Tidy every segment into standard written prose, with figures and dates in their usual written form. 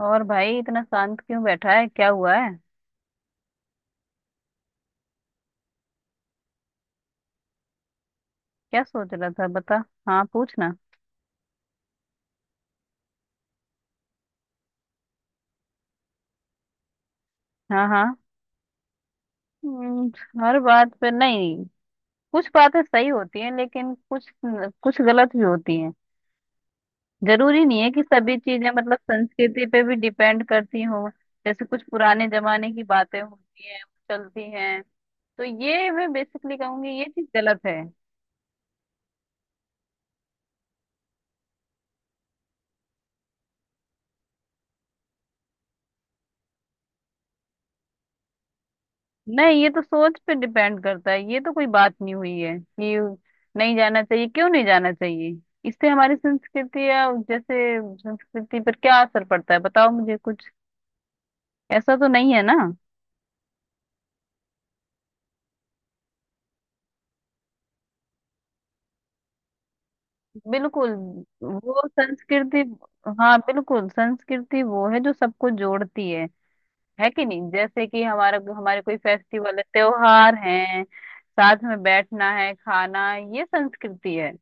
और भाई इतना शांत क्यों बैठा है? क्या हुआ है? क्या सोच रहा था बता। हाँ, पूछना। हाँ हाँ। हम्म। हर बात पे नहीं। कुछ बातें सही होती हैं लेकिन कुछ कुछ गलत भी होती हैं। जरूरी नहीं है कि सभी चीजें मतलब संस्कृति पे भी डिपेंड करती हो। जैसे कुछ पुराने जमाने की बातें होती हैं, चलती हैं। तो ये मैं बेसिकली कहूंगी ये चीज गलत है। नहीं, ये तो सोच पे डिपेंड करता है। ये तो कोई बात नहीं हुई है कि नहीं जाना चाहिए। क्यों नहीं जाना चाहिए? इससे हमारी संस्कृति या जैसे संस्कृति पर क्या असर पड़ता है? बताओ मुझे कुछ ऐसा तो नहीं है ना। बिल्कुल वो संस्कृति। हाँ बिल्कुल, संस्कृति वो है जो सबको जोड़ती है कि नहीं? जैसे कि हमारा हमारे कोई फेस्टिवल है, त्योहार है, साथ में बैठना है, खाना, ये संस्कृति है।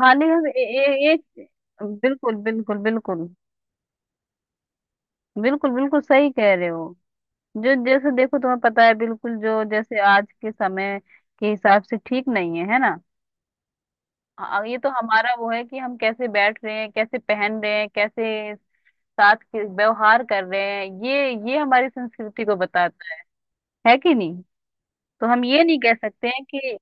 हाँ लेकिन ए, ए, एक। बिल्कुल बिल्कुल बिल्कुल। बिल्कुल बिल्कुल सही कह रहे हो। जो जैसे देखो तुम्हें पता है बिल्कुल, जो जैसे आज के समय के हिसाब से ठीक नहीं है, है ना? हाँ, ये तो हमारा वो है कि हम कैसे बैठ रहे हैं, कैसे पहन रहे हैं, कैसे साथ के व्यवहार कर रहे हैं, ये हमारी संस्कृति को बताता है कि नहीं? तो हम ये नहीं कह सकते हैं कि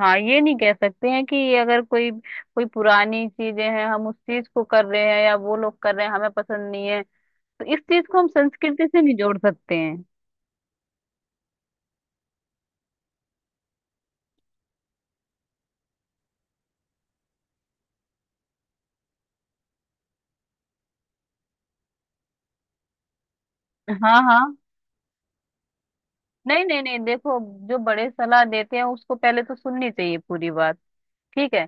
हाँ, ये नहीं कह सकते हैं कि अगर कोई कोई पुरानी चीजें हैं, हम उस चीज को कर रहे हैं या वो लोग कर रहे हैं, हमें पसंद नहीं है, तो इस चीज को हम संस्कृति से नहीं जोड़ सकते हैं। हाँ हाँ। नहीं नहीं नहीं, देखो, जो बड़े सलाह देते हैं उसको पहले तो सुननी चाहिए पूरी बात, ठीक है?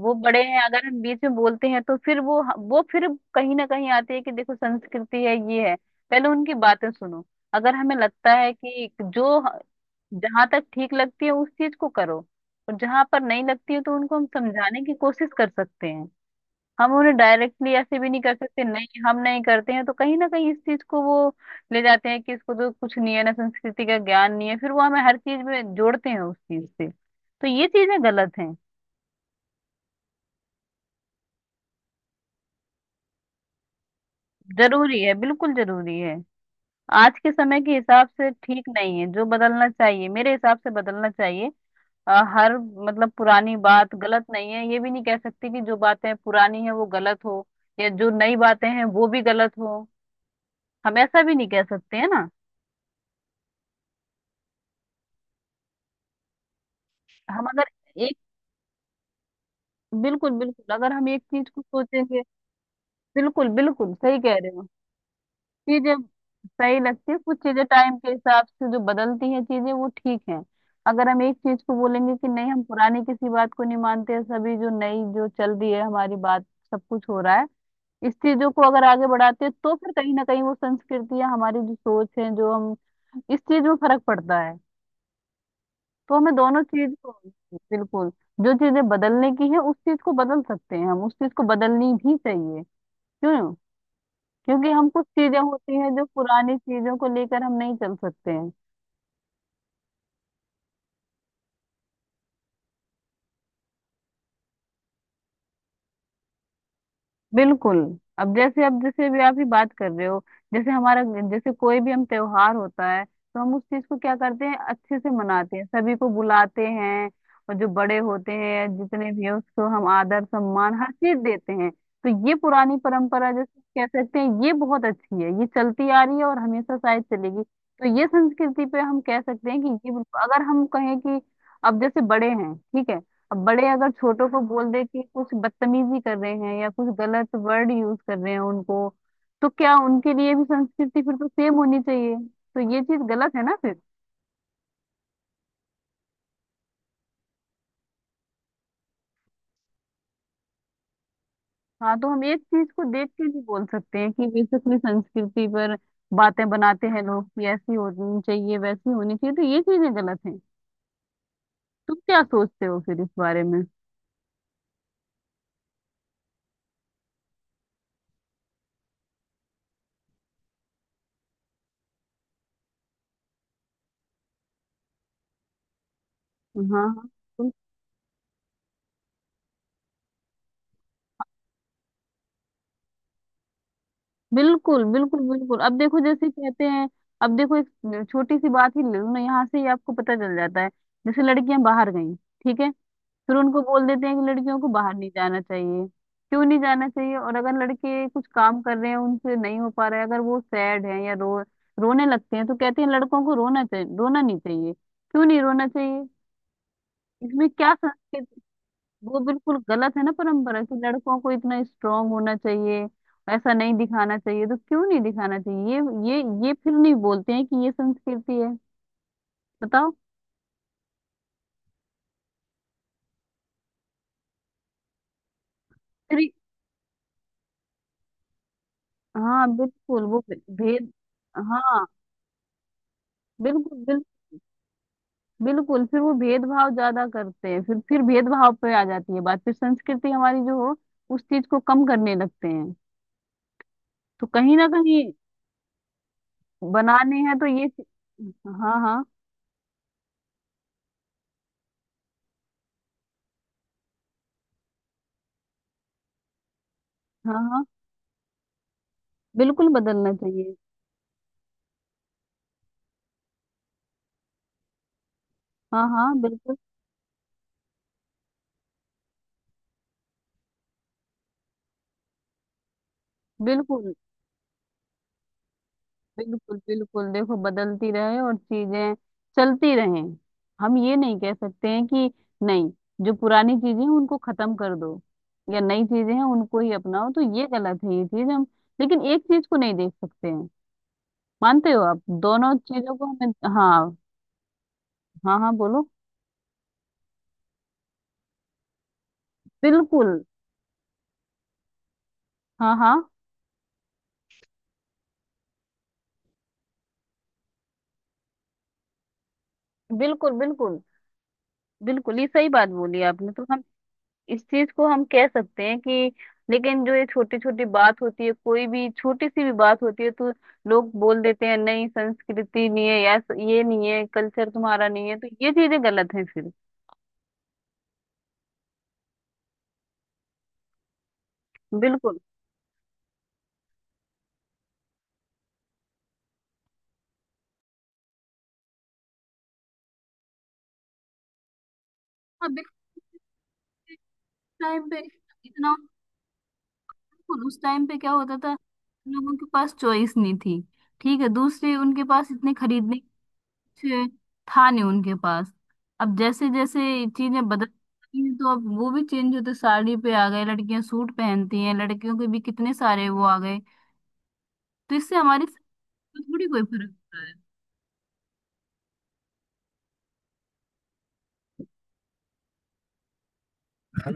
वो बड़े हैं, अगर हम बीच में बोलते हैं तो फिर वो फिर कहीं ना कहीं आते हैं कि देखो संस्कृति है, ये है। पहले उनकी बातें सुनो, अगर हमें लगता है कि जो जहां तक ठीक लगती है उस चीज को करो, और जहां पर नहीं लगती है तो उनको हम समझाने की कोशिश कर सकते हैं। हम उन्हें डायरेक्टली ऐसे भी नहीं कर सकते, नहीं हम नहीं करते हैं तो कहीं ना कहीं इस चीज को वो ले जाते हैं कि इसको तो कुछ नहीं है ना, संस्कृति का ज्ञान नहीं है, फिर वो हमें हर चीज में जोड़ते हैं उस चीज से, तो ये चीजें गलत हैं। जरूरी है, बिल्कुल जरूरी है। आज के समय के हिसाब से ठीक नहीं है जो, बदलना चाहिए, मेरे हिसाब से बदलना चाहिए। अ, हर मतलब पुरानी बात गलत नहीं है, ये भी नहीं कह सकती कि जो बातें पुरानी है वो गलत हो या जो नई बातें हैं वो भी गलत हो। हम ऐसा भी नहीं कह सकते, है ना? हम अगर एक, बिल्कुल बिल्कुल, अगर हम एक चीज को सोचेंगे। बिल्कुल बिल्कुल सही कह रहे हो। चीजें सही लगती है, कुछ चीजें टाइम के हिसाब से जो बदलती हैं चीजें वो ठीक हैं। अगर हम एक चीज को बोलेंगे कि नहीं हम पुरानी किसी बात को नहीं मानते, सभी जो नई जो चल रही है हमारी बात, सब कुछ हो रहा है, इस चीजों को अगर आगे बढ़ाते हैं, तो फिर कहीं ना कहीं वो संस्कृति या हमारी जो सोच है जो हम, इस चीज में फर्क पड़ता है। तो हमें दोनों चीज को, बिल्कुल, जो चीजें बदलने की है उस चीज को बदल सकते हैं हम, उस चीज को बदलनी भी चाहिए। क्यों? क्योंकि हम कुछ चीजें होती हैं जो पुरानी चीजों को लेकर हम नहीं चल सकते हैं। बिल्कुल। अब जैसे, अब जैसे भी आप ही बात कर रहे हो, जैसे हमारा, जैसे कोई भी हम त्योहार होता है तो हम उस चीज को क्या करते हैं, अच्छे से मनाते हैं, सभी को बुलाते हैं। और जो बड़े होते हैं जितने भी हैं उसको हम आदर सम्मान हर चीज देते हैं। तो ये पुरानी परंपरा जैसे कह सकते हैं ये बहुत अच्छी है, ये चलती आ रही है और हमेशा शायद चलेगी। तो ये संस्कृति पे हम कह सकते हैं कि ये बिल्कुल-, अगर हम कहें कि अब जैसे बड़े हैं, ठीक है, अब बड़े अगर छोटों को बोल दे कि कुछ बदतमीजी कर रहे हैं या कुछ गलत वर्ड यूज कर रहे हैं उनको, तो क्या उनके लिए भी संस्कृति फिर तो सेम होनी चाहिए? तो ये चीज गलत है ना फिर। हाँ, तो हम एक चीज को देख के भी बोल सकते हैं कि वे अपनी संस्कृति पर बातें बनाते हैं लोग कि ऐसी होनी चाहिए, वैसी होनी चाहिए, तो ये चीजें गलत हैं। तुम क्या सोचते हो फिर इस बारे में? हाँ हाँ। बिल्कुल बिल्कुल बिल्कुल अब देखो जैसे कहते हैं, अब देखो एक छोटी सी बात ही ले लो ना, यहाँ से ही आपको पता चल जाता है। जैसे लड़कियां बाहर गई, ठीक है, फिर उनको बोल देते हैं कि लड़कियों को बाहर नहीं जाना चाहिए। क्यों नहीं जाना चाहिए? और अगर लड़के कुछ काम कर रहे हैं, उनसे नहीं हो पा रहा है, अगर वो सैड है या रो रोने लगते हैं तो कहते हैं लड़कों को रोना चाहिए, रोना नहीं चाहिए। क्यों नहीं रोना चाहिए? इसमें क्या संस्कृति? वो बिल्कुल गलत है ना, परंपरा कि लड़कों को इतना स्ट्रांग होना चाहिए, ऐसा नहीं दिखाना चाहिए, तो क्यों नहीं दिखाना चाहिए? ये ये फिर नहीं बोलते हैं कि ये संस्कृति है, बताओ फिर। हाँ बिल्कुल वो भेद, हाँ बिल्कुल बिल्कुल फिर वो भेदभाव ज्यादा करते हैं, फिर भेदभाव पे आ जाती है बात, फिर संस्कृति हमारी जो हो उस चीज को कम करने लगते हैं। तो कहीं ना कहीं बनाने हैं तो ये चीज-, हाँ हाँ। हाँ हाँ, बिल्कुल बदलना चाहिए। हाँ हाँ बिल्कुल बिल्कुल। बिल्कुल बिल्कुल देखो, बदलती रहे और चीजें चलती रहें। हम ये नहीं कह सकते हैं कि नहीं, जो पुरानी चीजें हैं उनको खत्म कर दो या नई चीजें हैं उनको ही अपनाओ, तो ये गलत है, ये चीज हम लेकिन एक चीज को नहीं देख सकते हैं। मानते हो आप दोनों चीजों को हमें, हाँ। हाँ हाँ बोलो। बिल्कुल। हाँ हाँ। बिल्कुल बिल्कुल। बिल्कुल ये सही बात बोली आपने तो, इस चीज को हम कह सकते हैं कि लेकिन जो ये छोटी छोटी बात होती है, कोई भी छोटी सी भी बात होती है तो लोग बोल देते हैं नहीं संस्कृति नहीं है, या ये नहीं है, कल्चर तुम्हारा नहीं है, तो ये चीजें गलत हैं फिर। बिल्कुल। हाँ बिल्कुल, इस टाइम पे इतना, बिल्कुल उस टाइम पे क्या होता था, लोगों के पास चॉइस नहीं थी, ठीक है, दूसरे उनके पास इतने खरीदने पीछे था नहीं उनके पास। अब जैसे जैसे चीजें बदल रही हैं, तो अब वो भी चेंज होते साड़ी पे आ गए, लड़कियां सूट पहनती हैं, लड़कियों के भी कितने सारे वो आ गए। तो इससे हमारी सेहत पर थोड़ी कोई फर्क पड़ रहा है।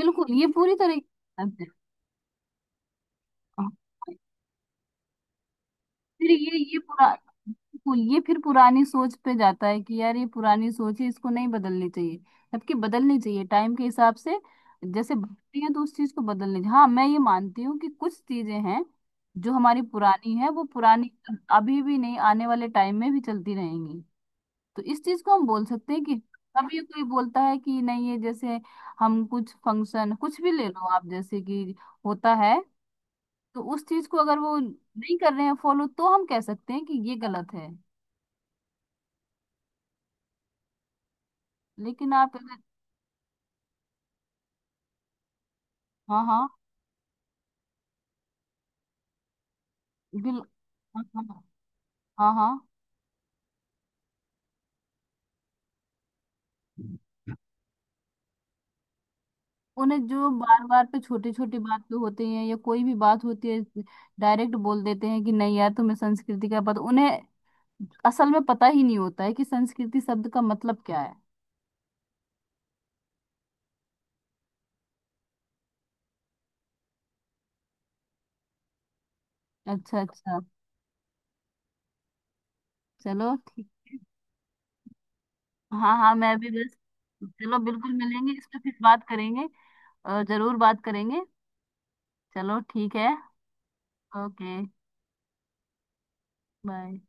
बिल्कुल ये पूरी तरह की बात है। फिर ये पुरा बिल्कुल, ये फिर पुरानी सोच पे जाता है कि यार ये पुरानी सोच है, इसको नहीं बदलनी चाहिए, जबकि बदलनी चाहिए टाइम के हिसाब से। जैसे बदलती है तो उस चीज को बदलनी चाहिए। हाँ मैं ये मानती हूँ कि कुछ चीजें हैं जो हमारी पुरानी है वो पुरानी अभी भी नहीं, आने वाले टाइम में भी चलती रहेंगी। तो इस चीज को हम बोल सकते हैं कि कभी कोई बोलता है कि नहीं ये जैसे हम कुछ फंक्शन कुछ भी ले लो आप जैसे कि होता है, तो उस चीज को अगर वो नहीं कर रहे हैं फॉलो तो हम कह सकते हैं कि ये गलत है। लेकिन आप अगर, हाँ हाँ बिल, हाँ हाँ। हाँ हाँ। उन्हें जो बार बार पे छोटी छोटी बात पे होते हैं या कोई भी बात होती है, डायरेक्ट बोल देते हैं कि नहीं यार तुम्हें संस्कृति का पता, उन्हें असल में पता ही नहीं होता है कि संस्कृति शब्द का मतलब क्या है। अच्छा अच्छा। चलो ठीक। हाँ हाँ मैं भी बस, चलो बिल्कुल मिलेंगे इस पे फिर बात करेंगे। जरूर बात करेंगे। चलो ठीक है। ओके। बाय।